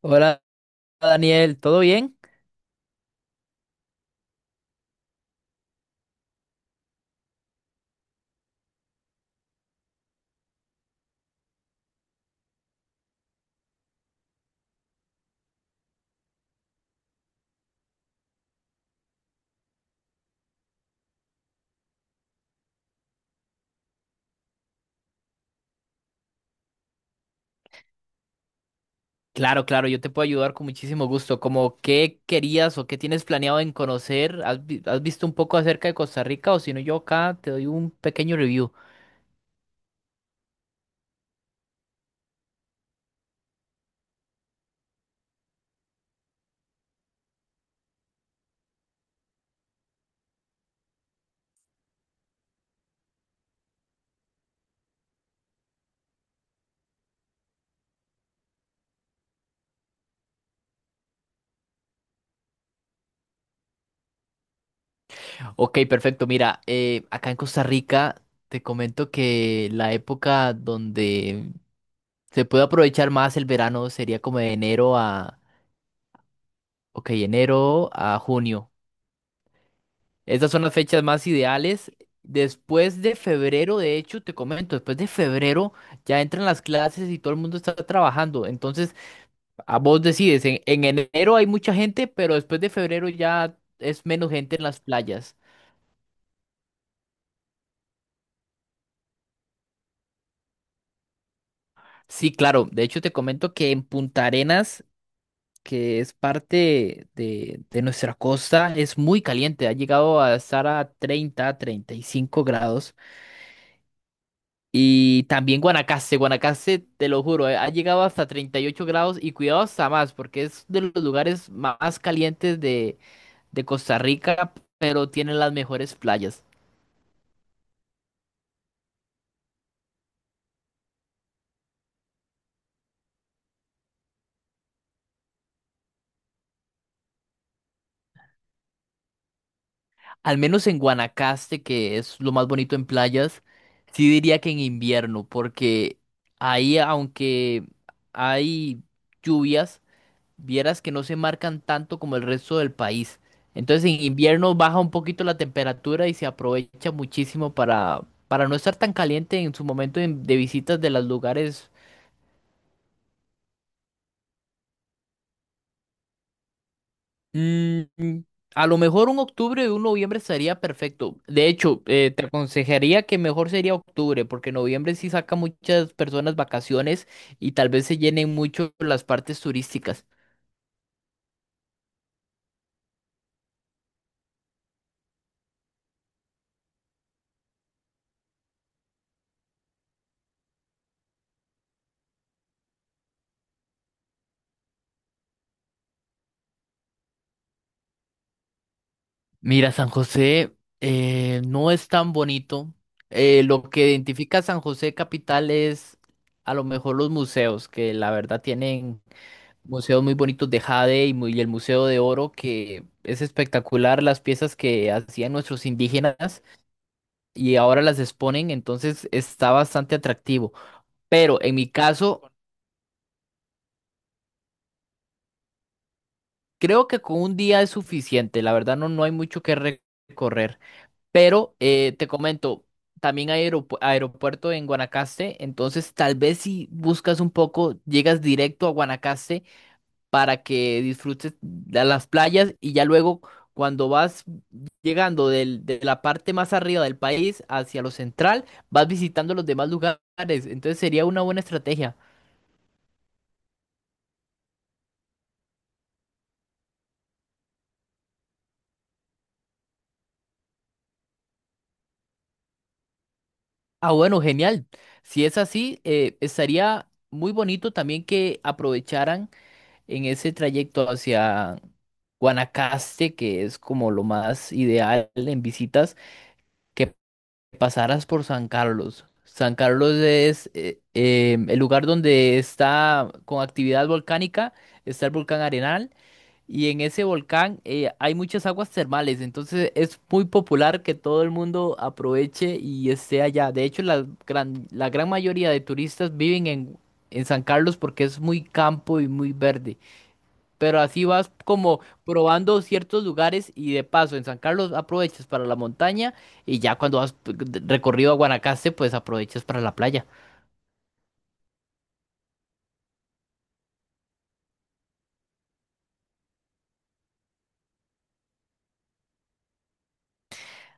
Hola Daniel, ¿todo bien? Claro, claro, yo te puedo ayudar con muchísimo gusto. ¿Como qué querías o qué tienes planeado en conocer? ¿Has visto un poco acerca de Costa Rica? O si no, yo acá te doy un pequeño review. Ok, perfecto. Mira, acá en Costa Rica te comento que la época donde se puede aprovechar más el verano sería como de enero a junio. Estas son las fechas más ideales. Después de febrero, de hecho, te comento, después de febrero ya entran las clases y todo el mundo está trabajando. Entonces, a vos decides, en enero hay mucha gente, pero después de febrero ya es menos gente en las playas. Sí, claro. De hecho, te comento que en Punta Arenas, que es parte de nuestra costa, es muy caliente. Ha llegado a estar a 30, 35 grados. Y también Guanacaste, Guanacaste, te lo juro, ha llegado hasta 38 grados y cuidado hasta más, porque es de los lugares más calientes de Costa Rica, pero tiene las mejores playas. Al menos en Guanacaste, que es lo más bonito en playas, sí diría que en invierno, porque ahí aunque hay lluvias, vieras que no se marcan tanto como el resto del país. Entonces en invierno baja un poquito la temperatura y se aprovecha muchísimo para no estar tan caliente en su momento de visitas de los lugares. Mm, mm, a lo mejor un octubre o un noviembre estaría perfecto. De hecho, te aconsejaría que mejor sería octubre, porque noviembre sí saca muchas personas vacaciones y tal vez se llenen mucho las partes turísticas. Mira, San José no es tan bonito. Lo que identifica a San José capital es a lo mejor los museos, que la verdad tienen museos muy bonitos de jade y, y el Museo de Oro, que es espectacular las piezas que hacían nuestros indígenas y ahora las exponen, entonces está bastante atractivo. Pero en mi caso, creo que con un día es suficiente. La verdad no, no hay mucho que recorrer. Pero te comento, también hay aeropuerto en Guanacaste, entonces tal vez si buscas un poco, llegas directo a Guanacaste para que disfrutes de las playas y ya luego cuando vas llegando de la parte más arriba del país hacia lo central, vas visitando los demás lugares, entonces sería una buena estrategia. Ah, bueno, genial. Si es así, estaría muy bonito también que aprovecharan en ese trayecto hacia Guanacaste, que es como lo más ideal en visitas, que pasaras por San Carlos. San Carlos es el lugar donde está con actividad volcánica, está el volcán Arenal, y en ese volcán hay muchas aguas termales, entonces es muy popular que todo el mundo aproveche y esté allá. De hecho, la gran mayoría de turistas viven en San Carlos porque es muy campo y muy verde. Pero así vas como probando ciertos lugares y de paso en San Carlos aprovechas para la montaña y ya cuando vas recorrido a Guanacaste pues aprovechas para la playa.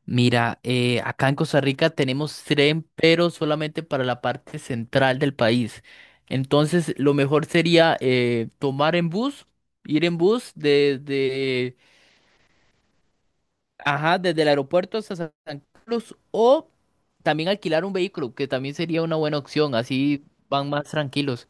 Mira, acá en Costa Rica tenemos tren pero solamente para la parte central del país. Entonces lo mejor sería tomar en bus, ir en bus ajá, desde el aeropuerto hasta San Carlos o también alquilar un vehículo que también sería una buena opción, así van más tranquilos.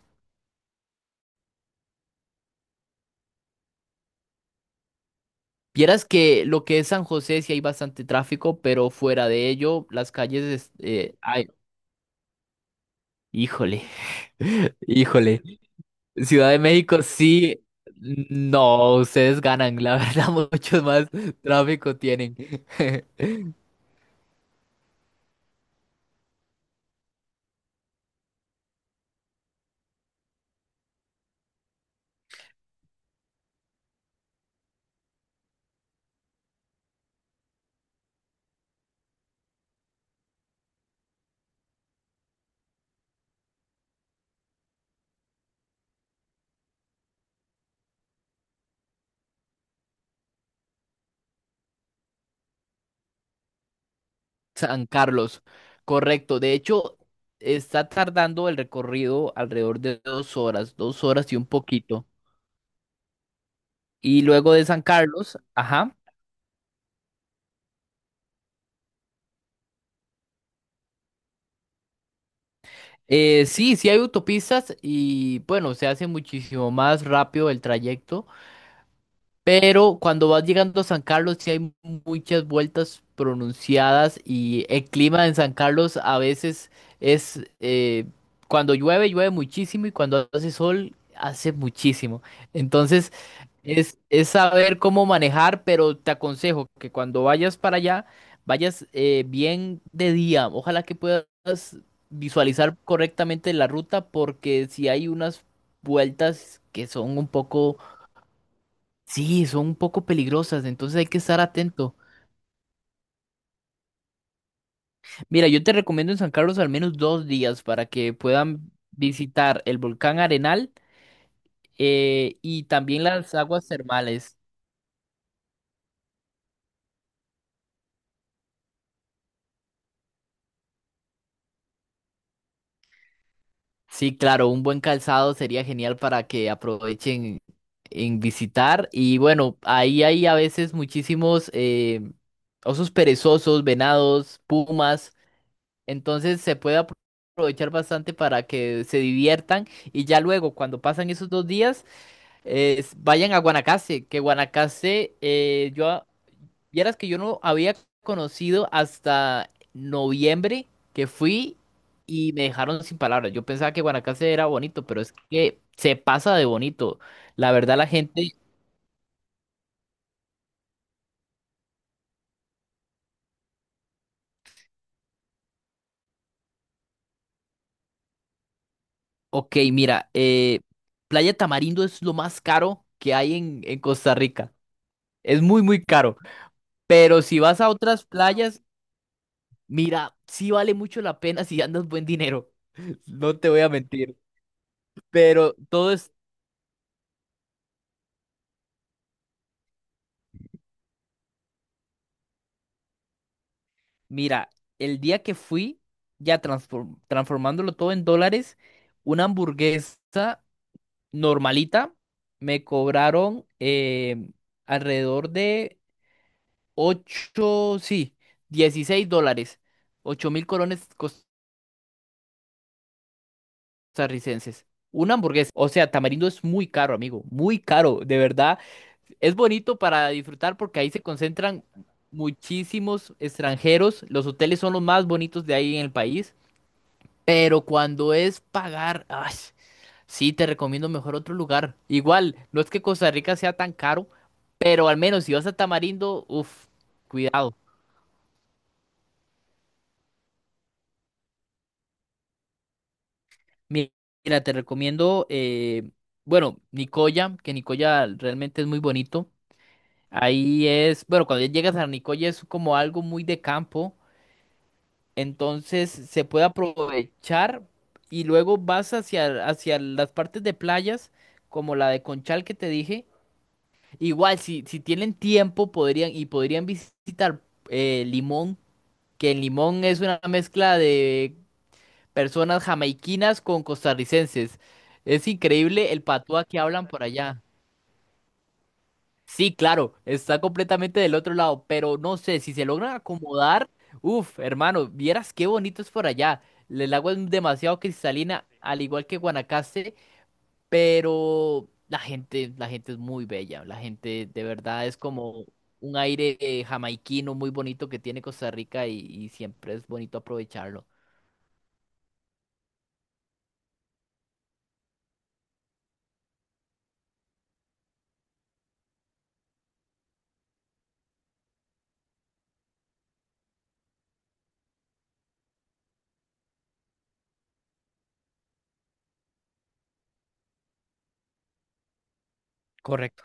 Vieras que lo que es San José sí hay bastante tráfico, pero fuera de ello, las calles, ay, híjole, híjole. Ciudad de México sí, no, ustedes ganan, la verdad, mucho más tráfico tienen. San Carlos, correcto. De hecho, está tardando el recorrido alrededor de 2 horas, 2 horas y un poquito. Y luego de San Carlos, ajá. Sí, sí hay autopistas y bueno, se hace muchísimo más rápido el trayecto, pero cuando vas llegando a San Carlos sí hay muchas vueltas pronunciadas y el clima en San Carlos a veces es, eh, cuando llueve, llueve muchísimo y cuando hace sol, hace muchísimo. Entonces, es saber cómo manejar, pero te aconsejo que cuando vayas para allá, vayas bien de día. Ojalá que puedas visualizar correctamente la ruta, porque si hay unas vueltas que son un poco, sí, son un poco peligrosas, entonces hay que estar atento. Mira, yo te recomiendo en San Carlos al menos 2 días para que puedan visitar el volcán Arenal y también las aguas termales. Sí, claro, un buen calzado sería genial para que aprovechen en visitar. Y bueno, ahí hay a veces muchísimos osos perezosos, venados, pumas. Entonces se puede aprovechar bastante para que se diviertan y ya luego, cuando pasan esos 2 días, vayan a Guanacaste, que Guanacaste, yo vieras que yo no había conocido hasta noviembre que fui y me dejaron sin palabras. Yo pensaba que Guanacaste era bonito, pero es que se pasa de bonito. La verdad, la gente, ok, mira, Playa Tamarindo es lo más caro que hay en Costa Rica. Es muy, muy caro. Pero si vas a otras playas, mira, sí vale mucho la pena si andas buen dinero. No te voy a mentir. Pero todo es Mira, el día que fui, ya transformándolo todo en dólares, una hamburguesa normalita me cobraron alrededor de 8, sí, $16, 8.000 colones costarricenses. Una hamburguesa. O sea, Tamarindo es muy caro, amigo, muy caro, de verdad. Es bonito para disfrutar porque ahí se concentran muchísimos extranjeros. Los hoteles son los más bonitos de ahí en el país. Pero cuando es pagar, ay, sí, te recomiendo mejor otro lugar. Igual, no es que Costa Rica sea tan caro, pero al menos si vas a Tamarindo, uff, cuidado. Mi- Mira, te recomiendo, bueno, Nicoya, que Nicoya realmente es muy bonito. Ahí es, bueno, cuando ya llegas a Nicoya es como algo muy de campo, entonces se puede aprovechar y luego vas hacia las partes de playas, como la de Conchal que te dije. Igual, si tienen tiempo, podrían, y podrían visitar Limón, que en Limón es una mezcla de personas jamaiquinas con costarricenses. Es increíble el patuá que hablan por allá. Sí, claro, está completamente del otro lado, pero no sé, si se logran acomodar, uff, hermano, vieras qué bonito es por allá. El agua es demasiado cristalina, al igual que Guanacaste. Pero la gente es muy bella, la gente de verdad es como un aire jamaiquino muy bonito que tiene Costa Rica y siempre es bonito aprovecharlo. Correcto.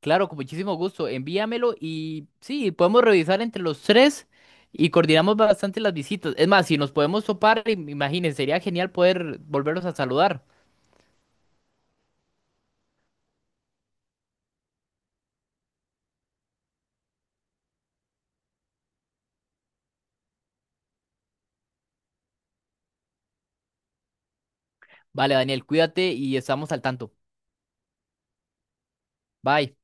Claro, con muchísimo gusto, envíamelo y sí, podemos revisar entre los tres y coordinamos bastante las visitas. Es más, si nos podemos topar, imagínense, sería genial poder volvernos a saludar. Vale, Daniel, cuídate y estamos al tanto. Bye.